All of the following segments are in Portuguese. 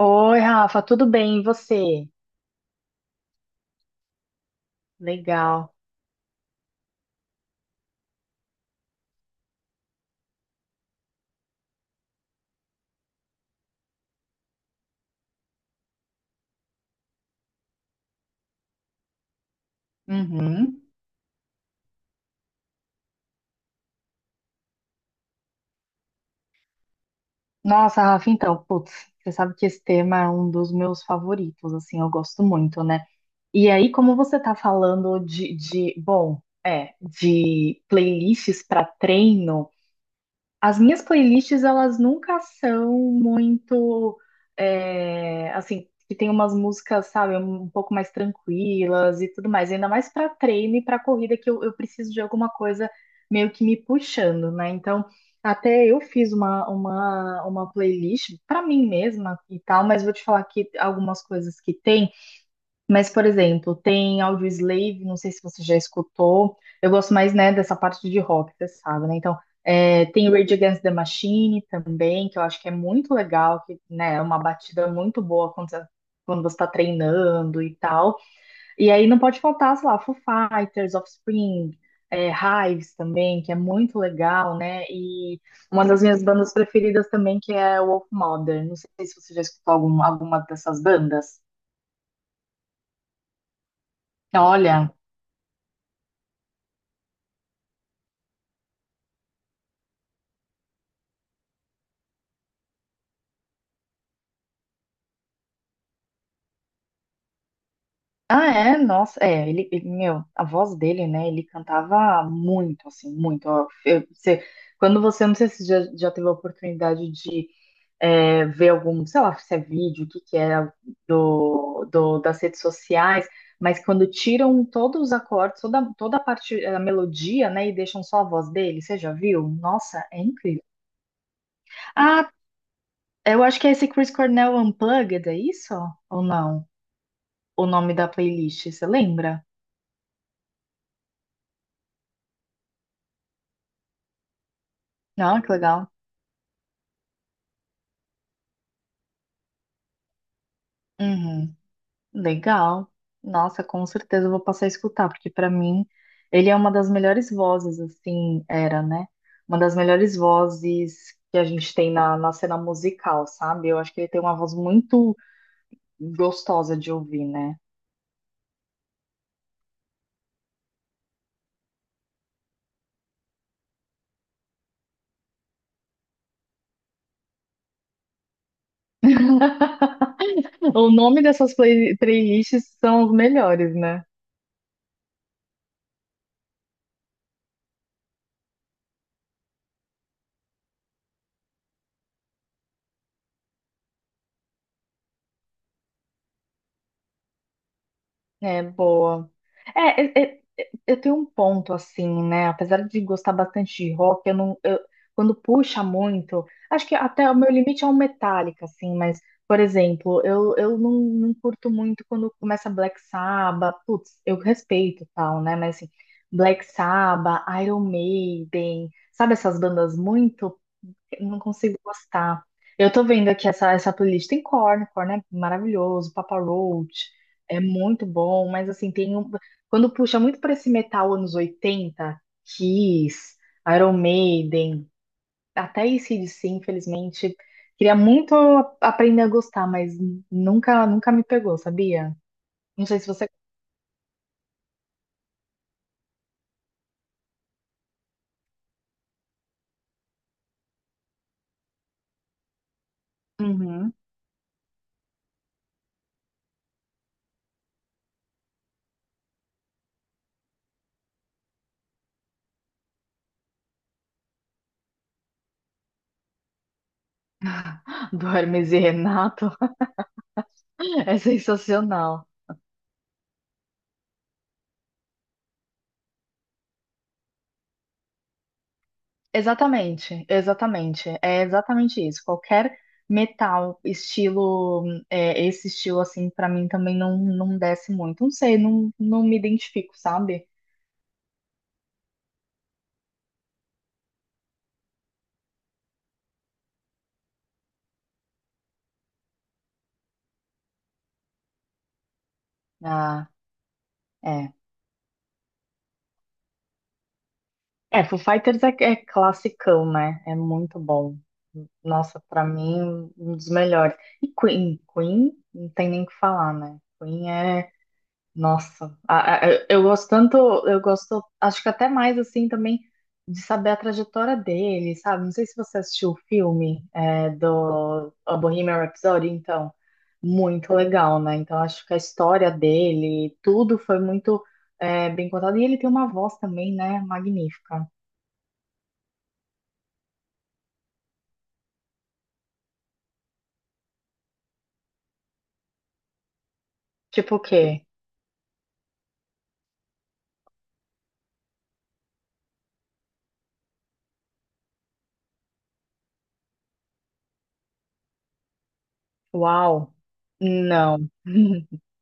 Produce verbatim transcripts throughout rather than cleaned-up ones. Oi, Rafa, tudo bem? E você? Legal. Uhum. Nossa, Rafa, então, putz, você sabe que esse tema é um dos meus favoritos, assim, eu gosto muito, né? E aí, como você tá falando de, de bom, é, de playlists para treino. As minhas playlists, elas nunca são muito, é, assim, que tem umas músicas, sabe, um pouco mais tranquilas e tudo mais. Ainda mais para treino e para corrida, que eu, eu preciso de alguma coisa meio que me puxando, né? Então, até eu fiz uma, uma, uma playlist para mim mesma e tal, mas vou te falar que algumas coisas que tem. Mas, por exemplo, tem Audioslave, não sei se você já escutou. Eu gosto mais, né, dessa parte de rock, você sabe, né? Então, é, tem Rage Against the Machine também, que eu acho que é muito legal, que, né, é uma batida muito boa quando você, quando você tá treinando e tal. E aí não pode faltar, sei lá, Foo Fighters, Offspring, é, Hives também, que é muito legal, né? E uma das minhas bandas preferidas também, que é Wolf Mother. Não sei se você já escutou algum, alguma dessas bandas. Olha, ah, é? Nossa, é, ele, ele- meu, a voz dele, né, ele cantava muito, assim, muito, ó, eu- você, quando você, não sei se já, já teve a oportunidade de é, ver algum, sei lá, se é vídeo, o que que é do, do, das redes sociais, mas quando tiram todos os acordes, toda, toda a parte, a melodia, né, e deixam só a voz dele, você já viu? Nossa, é incrível. Ah, eu acho que é esse Chris Cornell Unplugged, é isso? Ou não? O nome da playlist, você lembra? Não, que legal. Uhum, legal. Nossa, com certeza eu vou passar a escutar, porque para mim ele é uma das melhores vozes, assim, era, né? Uma das melhores vozes que a gente tem na, na cena musical, sabe? Eu acho que ele tem uma voz muito gostosa de ouvir, né? O nome dessas play- playlists são os melhores, né? É boa. É, é, é, é, eu tenho um ponto assim, né? Apesar de gostar bastante de rock, eu não, eu- quando puxa muito, acho que até o meu limite é um Metallica, assim. Mas, por exemplo, eu, eu não, não curto muito quando começa Black Sabbath. Putz, eu respeito e tal, né? Mas assim, Black Sabbath, Iron Maiden, sabe essas bandas muito eu não consigo gostar. Eu tô vendo aqui essa, essa playlist. Tem Korn, Korn é maravilhoso, Papa Roach é muito bom, mas assim, tem um, quando puxa muito pra esse metal anos oitenta, Kiss, Iron Maiden, até A C/D C, infelizmente, queria muito a- aprender a gostar, mas nunca, nunca me pegou, sabia? Não sei se você... Uhum. Do Hermes e Renato. É sensacional. Exatamente, exatamente. É exatamente isso. Qualquer metal, estilo, é, esse estilo assim, pra mim também não, não desce muito. Não sei, não, não me identifico, sabe? Ah, é. É, Foo Fighters é, é classicão, né? É muito bom. Nossa, pra mim, um dos melhores. E Queen, Queen, não tem nem o que falar, né? Queen é... Nossa, a- a- eu gosto tanto, eu gosto, acho que até mais assim também de saber a trajetória dele, sabe? Não sei se você assistiu o filme é, do a Bohemian Rhapsody, então, muito legal, né? Então, acho que a história dele, tudo foi muito é, bem contado. E ele tem uma voz também, né? Magnífica. Tipo o quê? Uau! Não.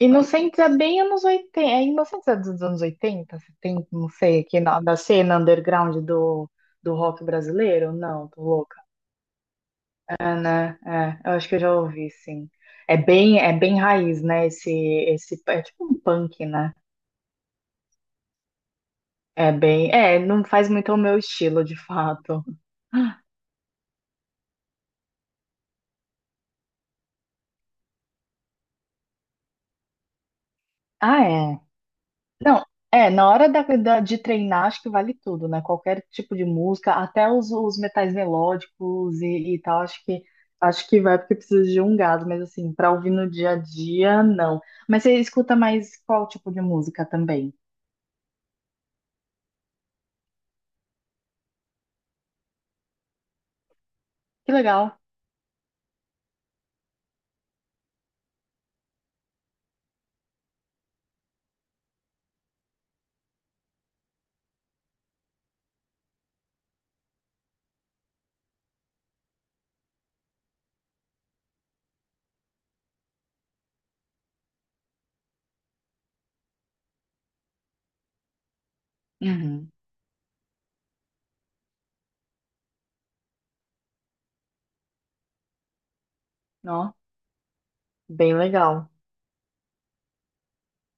Inocentes é bem anos oitenta. É Inocentes é dos anos oitenta setenta, não sei, aqui na, da cena underground do, do rock brasileiro? Não, tô louca. É, né? É, eu acho que eu já ouvi, sim. É bem, é bem raiz, né? Esse, esse, é tipo um punk, né? É bem, é, não faz muito o meu estilo, de fato. Ah, é. Não, é, na hora da, da- de treinar, acho que vale tudo, né? Qualquer tipo de música, até os, os metais melódicos e, e tal, acho que acho que vai porque precisa de um gás, mas assim, pra ouvir no dia a dia, não. Mas você escuta mais qual tipo de música também? Que legal. Uhum. Ó, bem legal.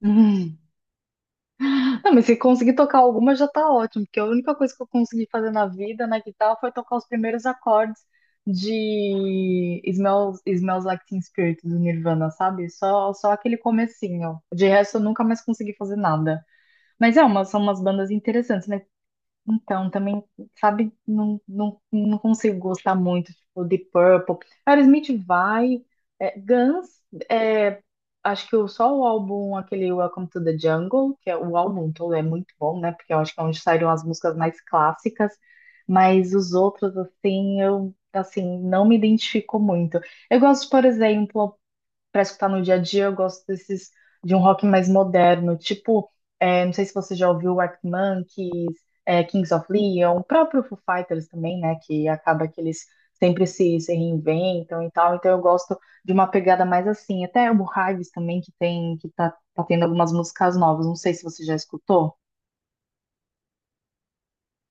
Ah, mas se conseguir tocar alguma já tá ótimo, porque a única coisa que eu consegui fazer na vida, na guitarra, foi tocar os primeiros acordes de Smells, Smells Like Teen Spirit do Nirvana, sabe? Só, só aquele comecinho. De resto, eu nunca mais consegui fazer nada. Mas é, uma, são umas bandas interessantes, né? Então, também, sabe, não, não, não consigo gostar muito, tipo, de Purple. Aerosmith vai, é, Guns, é, acho que o, só o álbum, aquele Welcome to the Jungle, que é o álbum todo é muito bom, né, porque eu acho que é onde saíram as músicas mais clássicas, mas os outros, assim, eu, assim, não me identifico muito. Eu gosto, por exemplo, para escutar no dia a dia, eu gosto desses de um rock mais moderno, tipo, é, não sei se você já ouviu o Arctic Monkeys, é, Kings of Leon, o próprio Foo Fighters também, né? Que acaba que eles sempre se, se reinventam e tal. Então eu gosto de uma pegada mais assim. Até o Hives também, que tem, que tá, tá tendo algumas músicas novas. Não sei se você já escutou.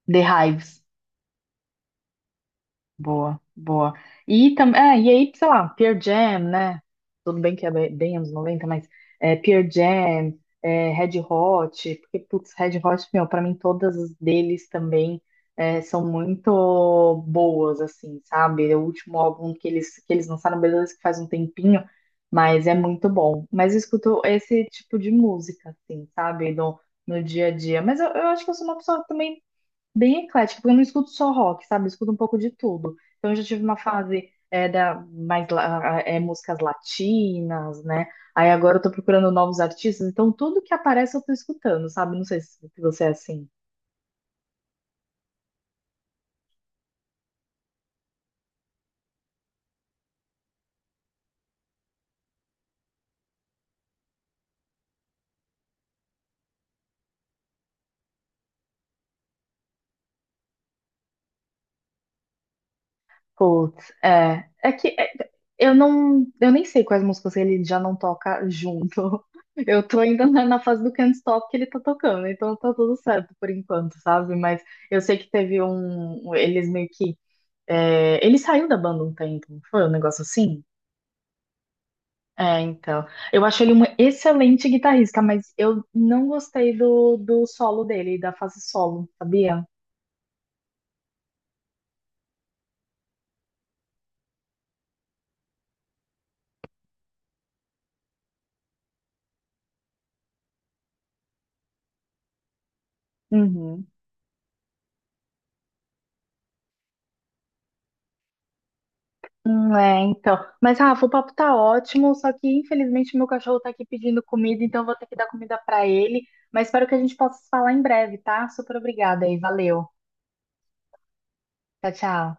The Hives. Boa, boa. E também, é, e aí, sei lá, Pearl Jam, né? Tudo bem que é bem bem anos noventa, mas é, Pearl Jam, é, Red Hot, porque, putz, Red Hot, meu, pra mim todas as deles também é, são muito boas, assim, sabe? É o último álbum que eles, que eles lançaram, beleza, que faz um tempinho, mas é muito bom. Mas eu escuto esse tipo de música, assim, sabe? No, no dia a dia. Mas eu, eu acho que eu sou uma pessoa que também bem eclética, porque eu não escuto só rock, sabe? Eu escuto um pouco de tudo. Então, eu já tive uma fase é, da, mais la- é, músicas latinas, né? Aí agora eu tô procurando novos artistas, então tudo que aparece eu tô escutando, sabe? Não sei se você é assim. Putz, é. É que é, eu não. Eu nem sei quais músicas ele já não toca junto. Eu tô ainda na, na fase do Can't Stop que ele tá tocando, então tá tudo certo por enquanto, sabe? Mas eu sei que teve um. Eles meio que... É, ele saiu da banda um tempo, não foi um negócio assim? É, então. Eu acho ele um excelente guitarrista, mas eu não gostei do, do solo dele, da fase solo, sabia? Uhum. Hum, é, então. Mas, Rafa, o papo tá ótimo, só que infelizmente meu cachorro tá aqui pedindo comida, então eu vou ter que dar comida pra ele. Mas espero que a gente possa se falar em breve, tá? Super obrigada aí, valeu. Tchau, tchau.